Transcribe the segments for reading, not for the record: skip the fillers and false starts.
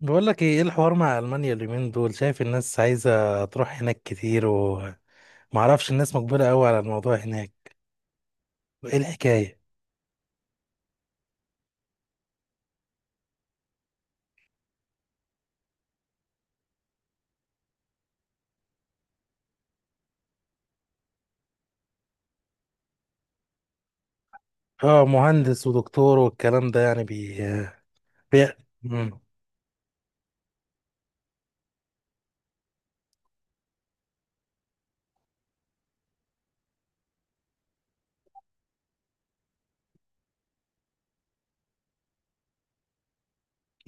بقول لك ايه، إيه الحوار مع المانيا اليومين دول؟ شايف الناس عايزه تروح هناك كتير ومعرفش الناس مجبره قوي على الموضوع هناك. ايه الحكايه؟ اه، مهندس ودكتور والكلام ده يعني بي, بي... مم.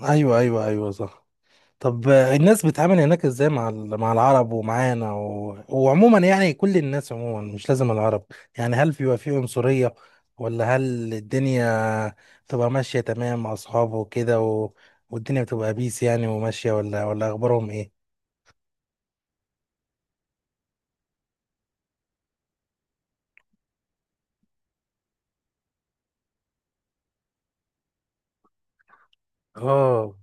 ايوه ايوه ايوه صح. طب الناس بتتعامل هناك ازاي مع مع العرب ومعانا وعموما، يعني كل الناس عموما، مش لازم العرب. يعني هل بيبقى في عنصرية، ولا هل الدنيا بتبقى ماشية تمام مع أصحابه وكده والدنيا بتبقى بيس يعني وماشية، ولا ولا أخبارهم إيه؟ اه.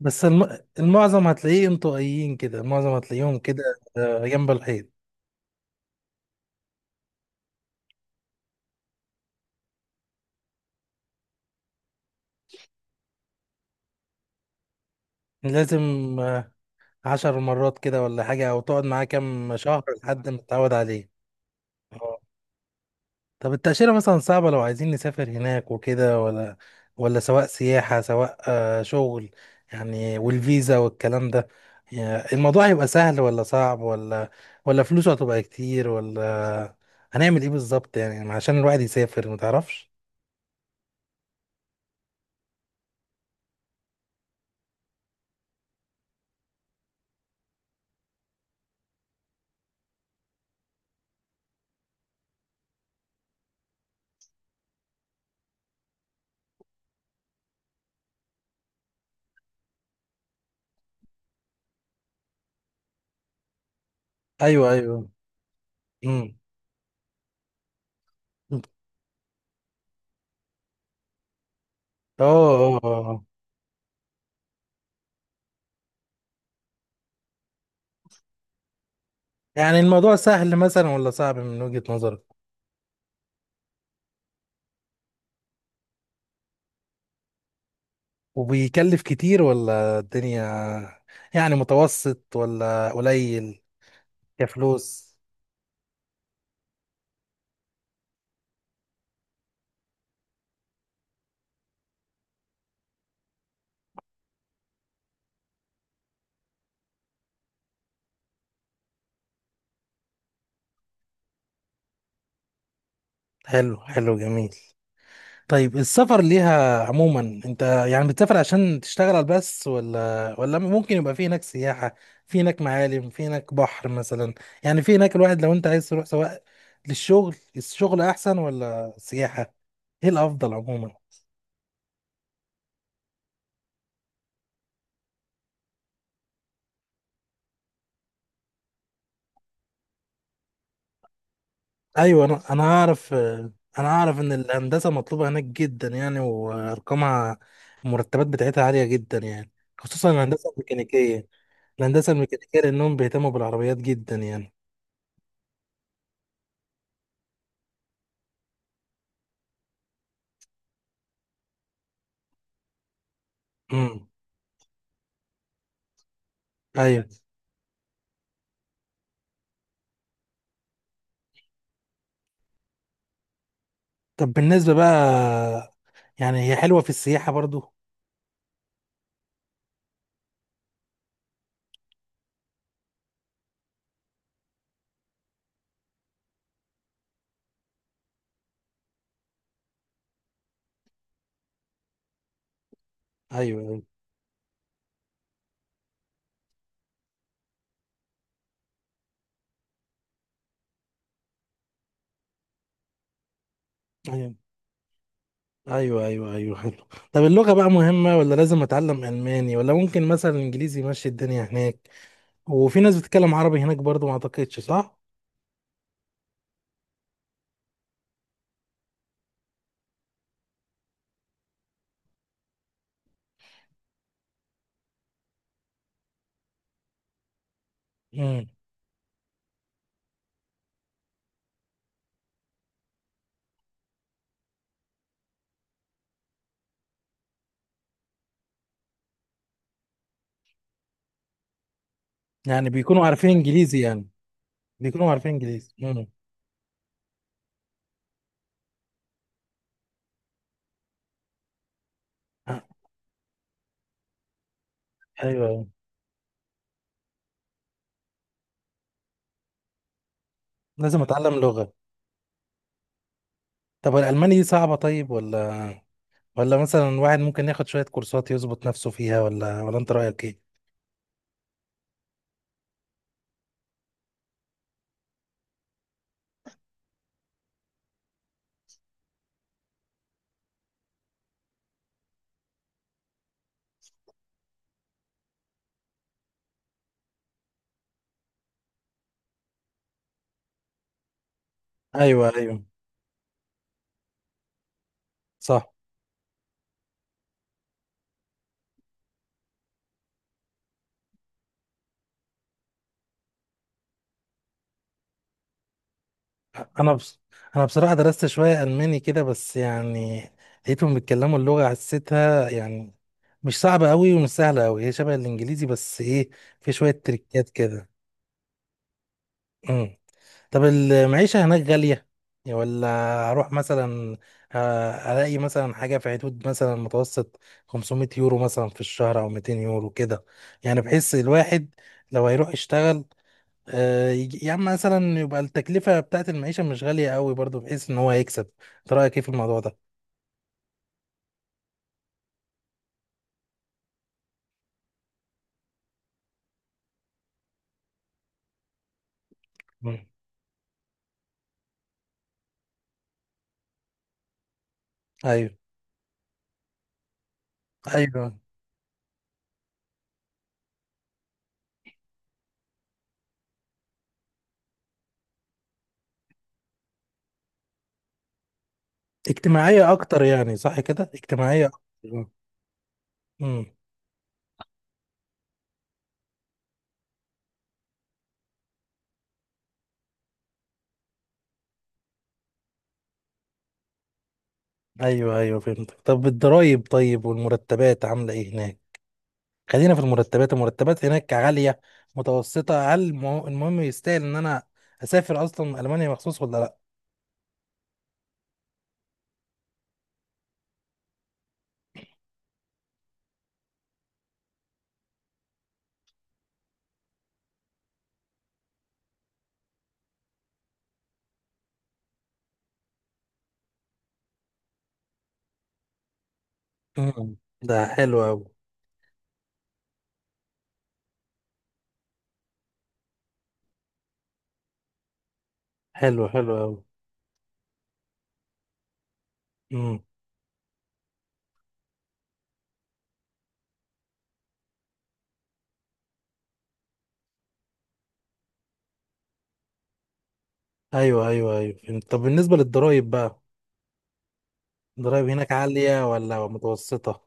بس المعظم هتلاقيه انطوائيين كده، المعظم هتلاقيهم كده، آه، جنب الحيط. لازم آه، عشر مرات كده ولا حاجة، أو تقعد معاه كام شهر لحد ما تتعود عليه. طب التأشيرة مثلا صعبة لو عايزين نسافر هناك وكده، ولا ولا سواء سياحة سواء شغل، يعني والفيزا والكلام ده، يعني الموضوع هيبقى سهل ولا صعب، ولا ولا فلوسه هتبقى كتير، ولا هنعمل ايه بالظبط؟ يعني عشان الواحد يسافر متعرفش. ايوه ايوه. امم. اه. اه آه. يعني الموضوع سهل مثلا ولا صعب من وجهة نظرك؟ وبيكلف كتير ولا الدنيا يعني متوسط ولا قليل؟ كفلوس. حلو حلو جميل. طيب السفر ليها عموما، انت يعني بتسافر عشان تشتغل بس، ولا ولا ممكن يبقى في هناك سياحة، في هناك معالم، في هناك بحر مثلا؟ يعني في هناك الواحد لو انت عايز تروح، سواء للشغل الشغل احسن ولا سياحة؟ ايه الافضل عموما؟ ايوه، انا اعرف، انا اعرف ان الهندسة مطلوبة هناك جدا يعني، وارقامها المرتبات بتاعتها عالية جدا يعني، خصوصا الهندسة الميكانيكية. الهندسة الميكانيكية لانهم بيهتموا بالعربيات جدا يعني. امم. ايوه. طب بالنسبه بقى، يعني هي حلوه في السياحه برضو؟ ايوه ايوه ايوه ايوه ايوه حلو. طب اللغه بقى مهمه، ولا لازم اتعلم الماني، ولا ممكن مثلا انجليزي يمشي الدنيا هناك؟ وفي ناس بتتكلم عربي هناك برضو ما اعتقدش، صح؟ امم. يعني بيكونوا عارفين انجليزي يعني. بيكونوا عارفين انجليزي. امم. آه، ايوه. أيوة. لازم اتعلم لغه. طب الالماني دي صعبه طيب، ولا ولا مثلا واحد ممكن ياخد شويه كورسات يظبط نفسه فيها، ولا ولا انت رايك ايه؟ ايوه ايوه صح. انا بص... انا بصراحه درست شويه الماني كده بس يعني، لقيتهم بيتكلموا اللغه، حسيتها يعني مش صعبه قوي ومش سهله قوي، هي شبه الانجليزي، بس ايه، في شويه تريكات كده. امم. طب المعيشه هناك غاليه يا ولا؟ اروح مثلا الاقي مثلا حاجه في حدود مثلا متوسط 500 يورو مثلا في الشهر، او 200 يورو كده، يعني بحس الواحد لو هيروح يشتغل، يا عم، مثلا يبقى التكلفة بتاعت المعيشة مش غالية قوي برضو بحيث ان هو يكسب. انت رأيك ايه في الموضوع ده؟ مم. ايوه ايوه. اجتماعية اكتر يعني، صح كده، اجتماعية اكتر. امم. ايوه ايوه فهمت. طب الضرايب طيب والمرتبات عاملة ايه هناك؟ خلينا في المرتبات. المرتبات هناك عالية متوسطة؟ هل المهم يستاهل ان انا اسافر اصلا المانيا مخصوص ولا لا؟ امم. ده حلو قوي. حلو حلو قوي. امم. ايوه ايوه ايوه فهمت. طب بالنسبة للضرايب بقى، ضرايب هناك عالية ولا متوسطة؟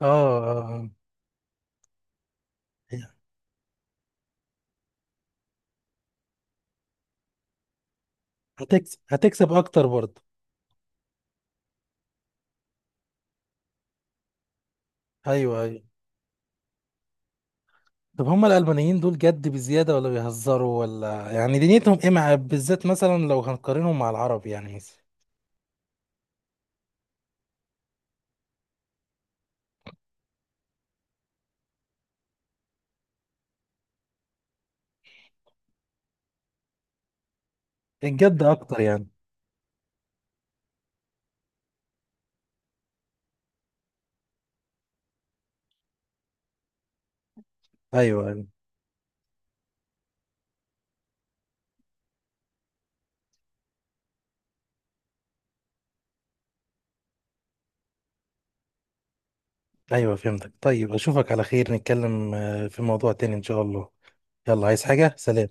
اه آه، آه. هتكسب، هتكسب اكتر برضه. ايوه ايوه. طب هما الألبانيين دول جد بزيادة ولا بيهزروا، ولا يعني دنيتهم ايه، مع بالذات مثلا لو هنقارنهم مع العرب يعني مثلا؟ الجد اكتر يعني. ايوه ايوه ايوه فهمتك. طيب اشوفك على خير، نتكلم في موضوع تاني ان شاء الله. يلا، عايز حاجة؟ سلام.